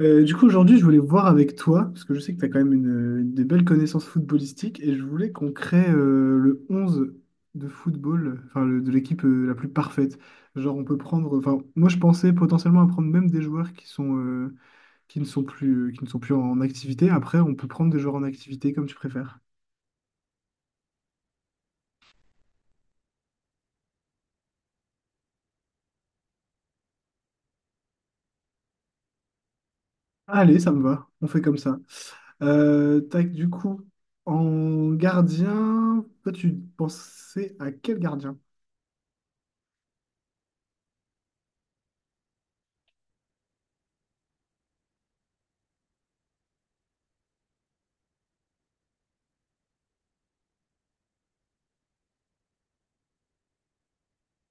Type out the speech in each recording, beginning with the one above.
Du coup, aujourd'hui, je voulais voir avec toi, parce que je sais que tu as quand même une des belles connaissances footballistiques, et je voulais qu'on crée le 11 de football, de l'équipe la plus parfaite. Genre, on peut prendre, enfin, moi je pensais potentiellement à prendre même des joueurs qui ne sont plus en activité. Après, on peut prendre des joueurs en activité comme tu préfères. Allez, ça me va, on fait comme ça. Tac, du coup, en gardien, toi, tu pensais à quel gardien?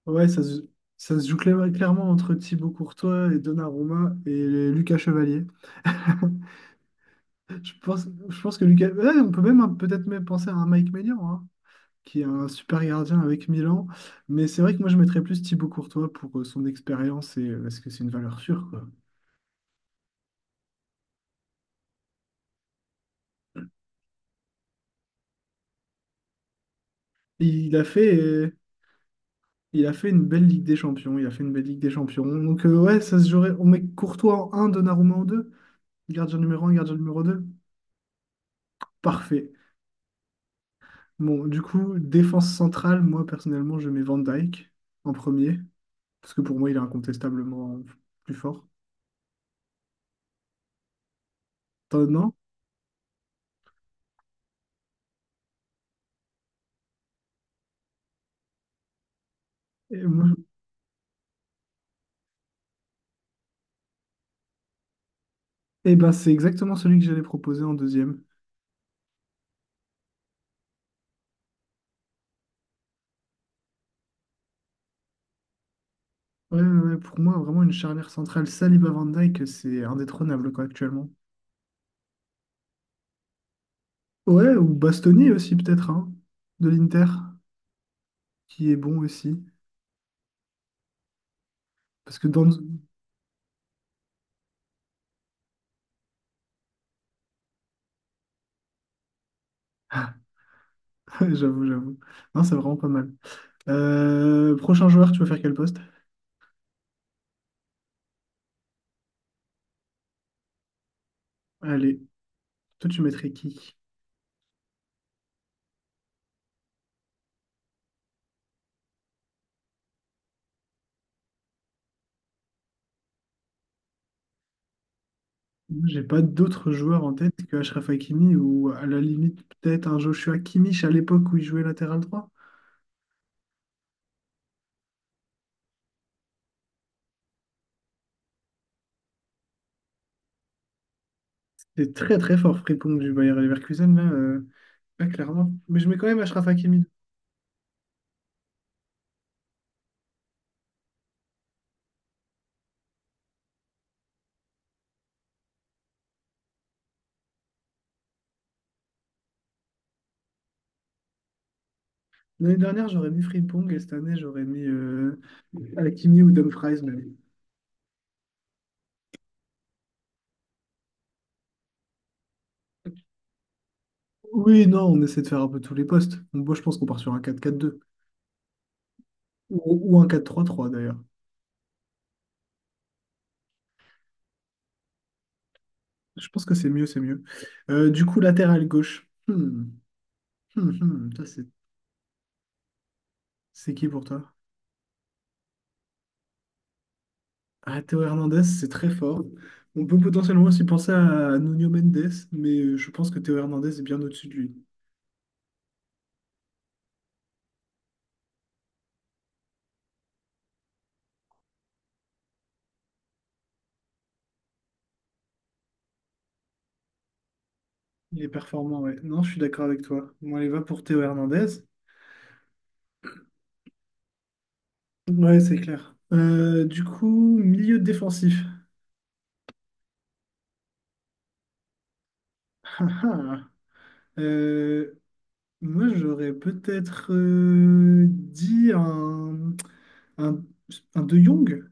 Ouais, ça se joue clairement entre Thibaut Courtois et Donnarumma et Lucas Chevalier. Je pense que Lucas. Ouais, on peut même peut-être même penser à un Mike Maignan, hein, qui est un super gardien avec Milan. Mais c'est vrai que moi, je mettrais plus Thibaut Courtois pour son expérience et parce que c'est une valeur sûre, quoi. Et il a fait une belle Ligue des Champions. Il a fait une belle Ligue des Champions. Donc, ouais, ça se jouerait. On met Courtois en un, Donnarumma en 2. Gardien numéro un, gardien numéro 2. Parfait. Bon, du coup, défense centrale, moi personnellement, je mets Van Dyke en premier, parce que pour moi, il est incontestablement plus fort. T'en non? Et moi- eh ben, c'est exactement celui que j'allais proposer en deuxième. Ouais, ouais, ouais, pour moi, vraiment une charnière centrale Saliba Van Dyke, c'est indétrônable quoi, actuellement. Ouais, ou Bastoni aussi, peut-être, hein, de l'Inter, qui est bon aussi. Parce que dans. J'avoue, j'avoue. Non, c'est vraiment pas mal. Prochain joueur, tu vas faire quel poste? Allez, toi, tu mettrais qui? Moi, j'ai pas d'autres joueurs en tête que Achraf Hakimi ou à la limite peut-être un Joshua Kimmich à l'époque où il jouait latéral droit. C'est très très fort Frimpong du Bayer Leverkusen là, pas clairement. Mais je mets quand même Achraf Hakimi. L'année dernière j'aurais mis Frimpong et cette année j'aurais mis Hakimi ou Dumfries même. Oui, non, on essaie de faire un peu tous les postes. Bon, moi je pense qu'on part sur un 4-4-2 ou un 4-3-3 d'ailleurs. Je pense que c'est mieux, c'est mieux. Du coup, latéral gauche. Hmm. Ça c'est qui pour toi? Ah, Théo Hernandez, c'est très fort. On peut potentiellement aussi penser à Nuno Mendes, mais je pense que Théo Hernandez est bien au-dessus de lui. Il est performant, ouais. Non, je suis d'accord avec toi. Moi, les va pour Théo Hernandez. Ouais, c'est clair. Du coup, milieu défensif. Ah, ah. Euh, Moi, j'aurais peut-être dit un, un De Jong.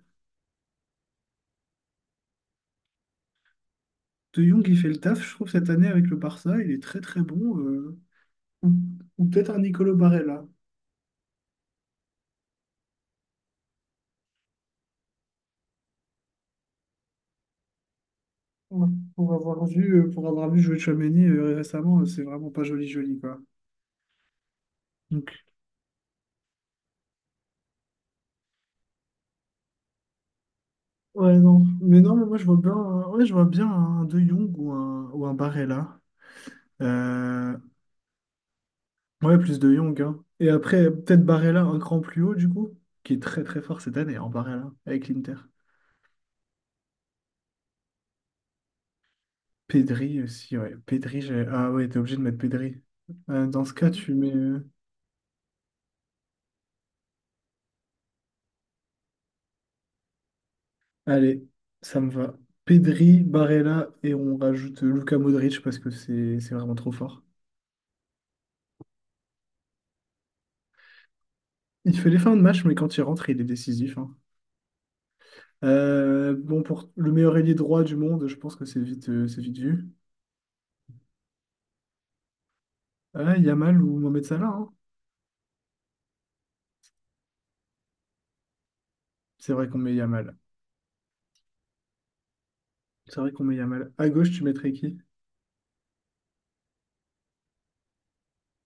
De Jong, il fait le taf, je trouve, cette année avec le Barça. Il est très, très bon. Ou ou peut-être un Nicolo Barella. Ouais. Pour avoir vu jouer Tchouaméni récemment, c'est vraiment pas joli, joli, quoi. Donc, ouais, non. Mais non, mais moi, je vois bien, ouais, je vois bien un De Jong ou un Barella. Euh, Ouais, plus De Jong, hein. Et après, peut-être Barella un cran plus haut, du coup, qui est très, très fort cette année, en Barella, avec l'Inter. Pedri aussi, ouais. Pedri, j'ai... Ah ouais, t'es obligé de mettre Pedri. Dans ce cas, tu mets... Allez, ça me va. Pedri, Barella, et on rajoute Luka Modric parce que c'est vraiment trop fort. Il fait les fins de match, mais quand il rentre, il est décisif, hein. Bon, pour le meilleur ailier droit du monde, je pense que c'est vite vu. Ah, Yamal ou Mohamed Salah, hein. C'est vrai qu'on met Yamal. C'est vrai qu'on met Yamal. À gauche, tu mettrais qui?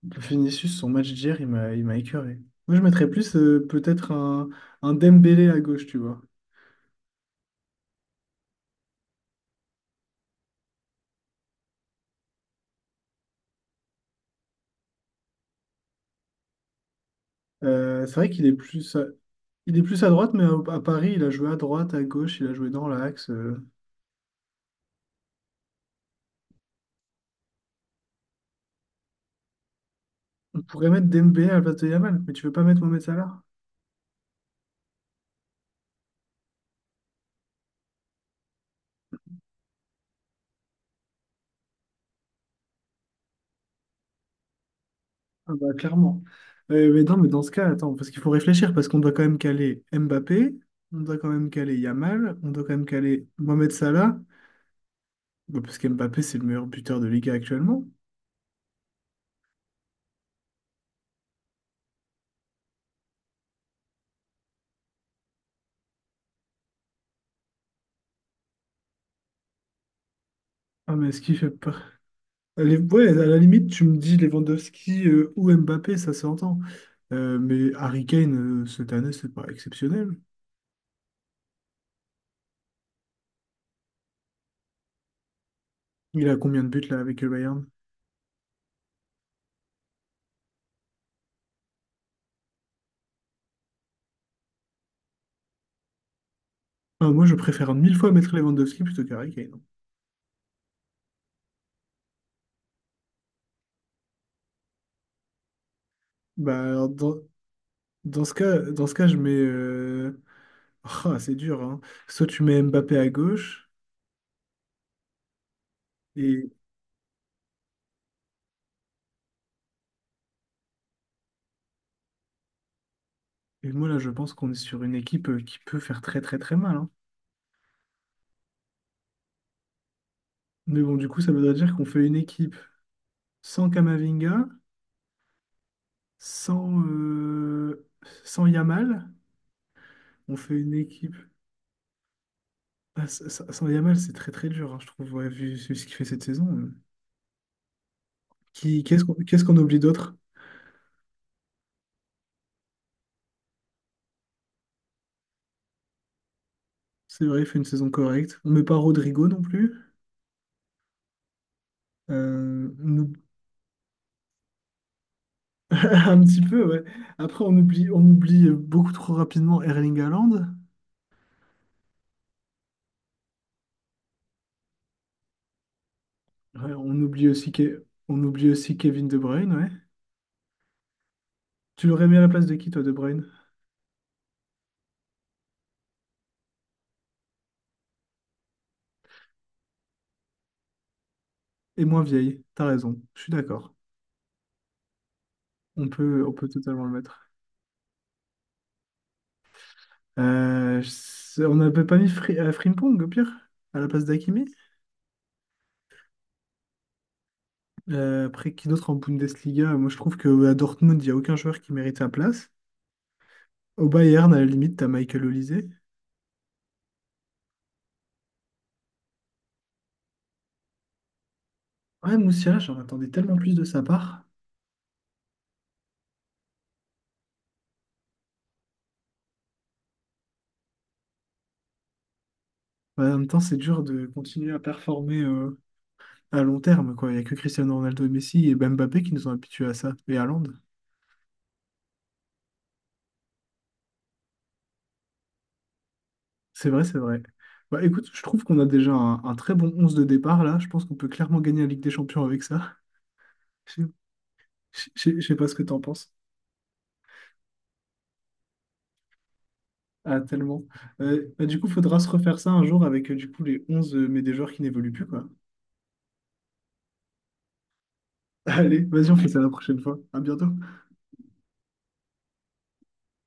Vinicius, son match d'hier, il m'a écœuré. Moi, je mettrais plus peut-être un Dembélé à gauche, tu vois. C'est vrai qu'il est il est plus à droite, mais à Paris, il a joué à droite, à gauche, il a joué dans l'axe. On pourrait mettre Dembélé à la place de Yamal, mais tu veux pas mettre Mohamed Salah? Ah bah, clairement. Mais non, mais dans ce cas, attends, parce qu'il faut réfléchir, parce qu'on doit quand même caler Mbappé, on doit quand même caler Yamal, on doit quand même caler Mohamed Salah, bah, parce qu'Mbappé, c'est le meilleur buteur de Liga actuellement. Ah, mais est-ce qu'il fait pas... Allez, ouais, à la limite, tu me dis Lewandowski ou Mbappé, ça s'entend. Mais Harry Kane, cette année, c'est pas exceptionnel. Il a combien de buts, là, avec le Bayern? Ah, moi, je préfère mille fois mettre Lewandowski plutôt qu'Harry Kane. Bah, alors, dans ce cas, je mets... Ah, c'est dur, hein. Soit tu mets Mbappé à gauche, et, et moi là je pense qu'on est sur une équipe qui peut faire très très très mal, hein. Mais bon, du coup, ça voudrait dire qu'on fait une équipe sans Kamavinga, sans, euh, sans Yamal. On fait une équipe. Ah, sans Yamal, c'est très très dur, hein, je trouve, ouais, vu ce qu'il fait cette saison. Qu'est-ce qu'on oublie d'autre? C'est vrai, il fait une saison correcte. On met pas Rodrigo non plus. On Un petit peu, ouais. Après, on oublie beaucoup trop rapidement Erling Haaland. Ouais, on oublie aussi Kevin De Bruyne, ouais. Tu l'aurais mis à la place de qui, toi, De Bruyne? Et moins vieille, t'as raison, je suis d'accord. On peut totalement le mettre. On n'avait pas mis Frimpong, au pire, à la place d'Hakimi. Après, qui d'autre en Bundesliga? Moi, je trouve qu'à Dortmund, il n'y a aucun joueur qui mérite sa place. Au Bayern, à la limite, t'as Michael Olise. Ouais, Moussiala, j'en attendais tellement plus de sa part. Ouais, en même temps, c'est dur de continuer à performer à long terme, quoi. Il n'y a que Cristiano Ronaldo et Messi et Mbappé qui nous ont habitués à ça. Et Haaland. C'est vrai, c'est vrai. Bah, écoute, je trouve qu'on a déjà un très bon 11 de départ, là. Je pense qu'on peut clairement gagner la Ligue des Champions avec ça. Je je sais pas ce que t'en penses. Ah, tellement. Bah, du coup, faudra se refaire ça un jour avec, du coup, les 11 mais des joueurs qui n'évoluent plus, quoi. Allez, vas-y, on fait ça la prochaine fois. À bientôt.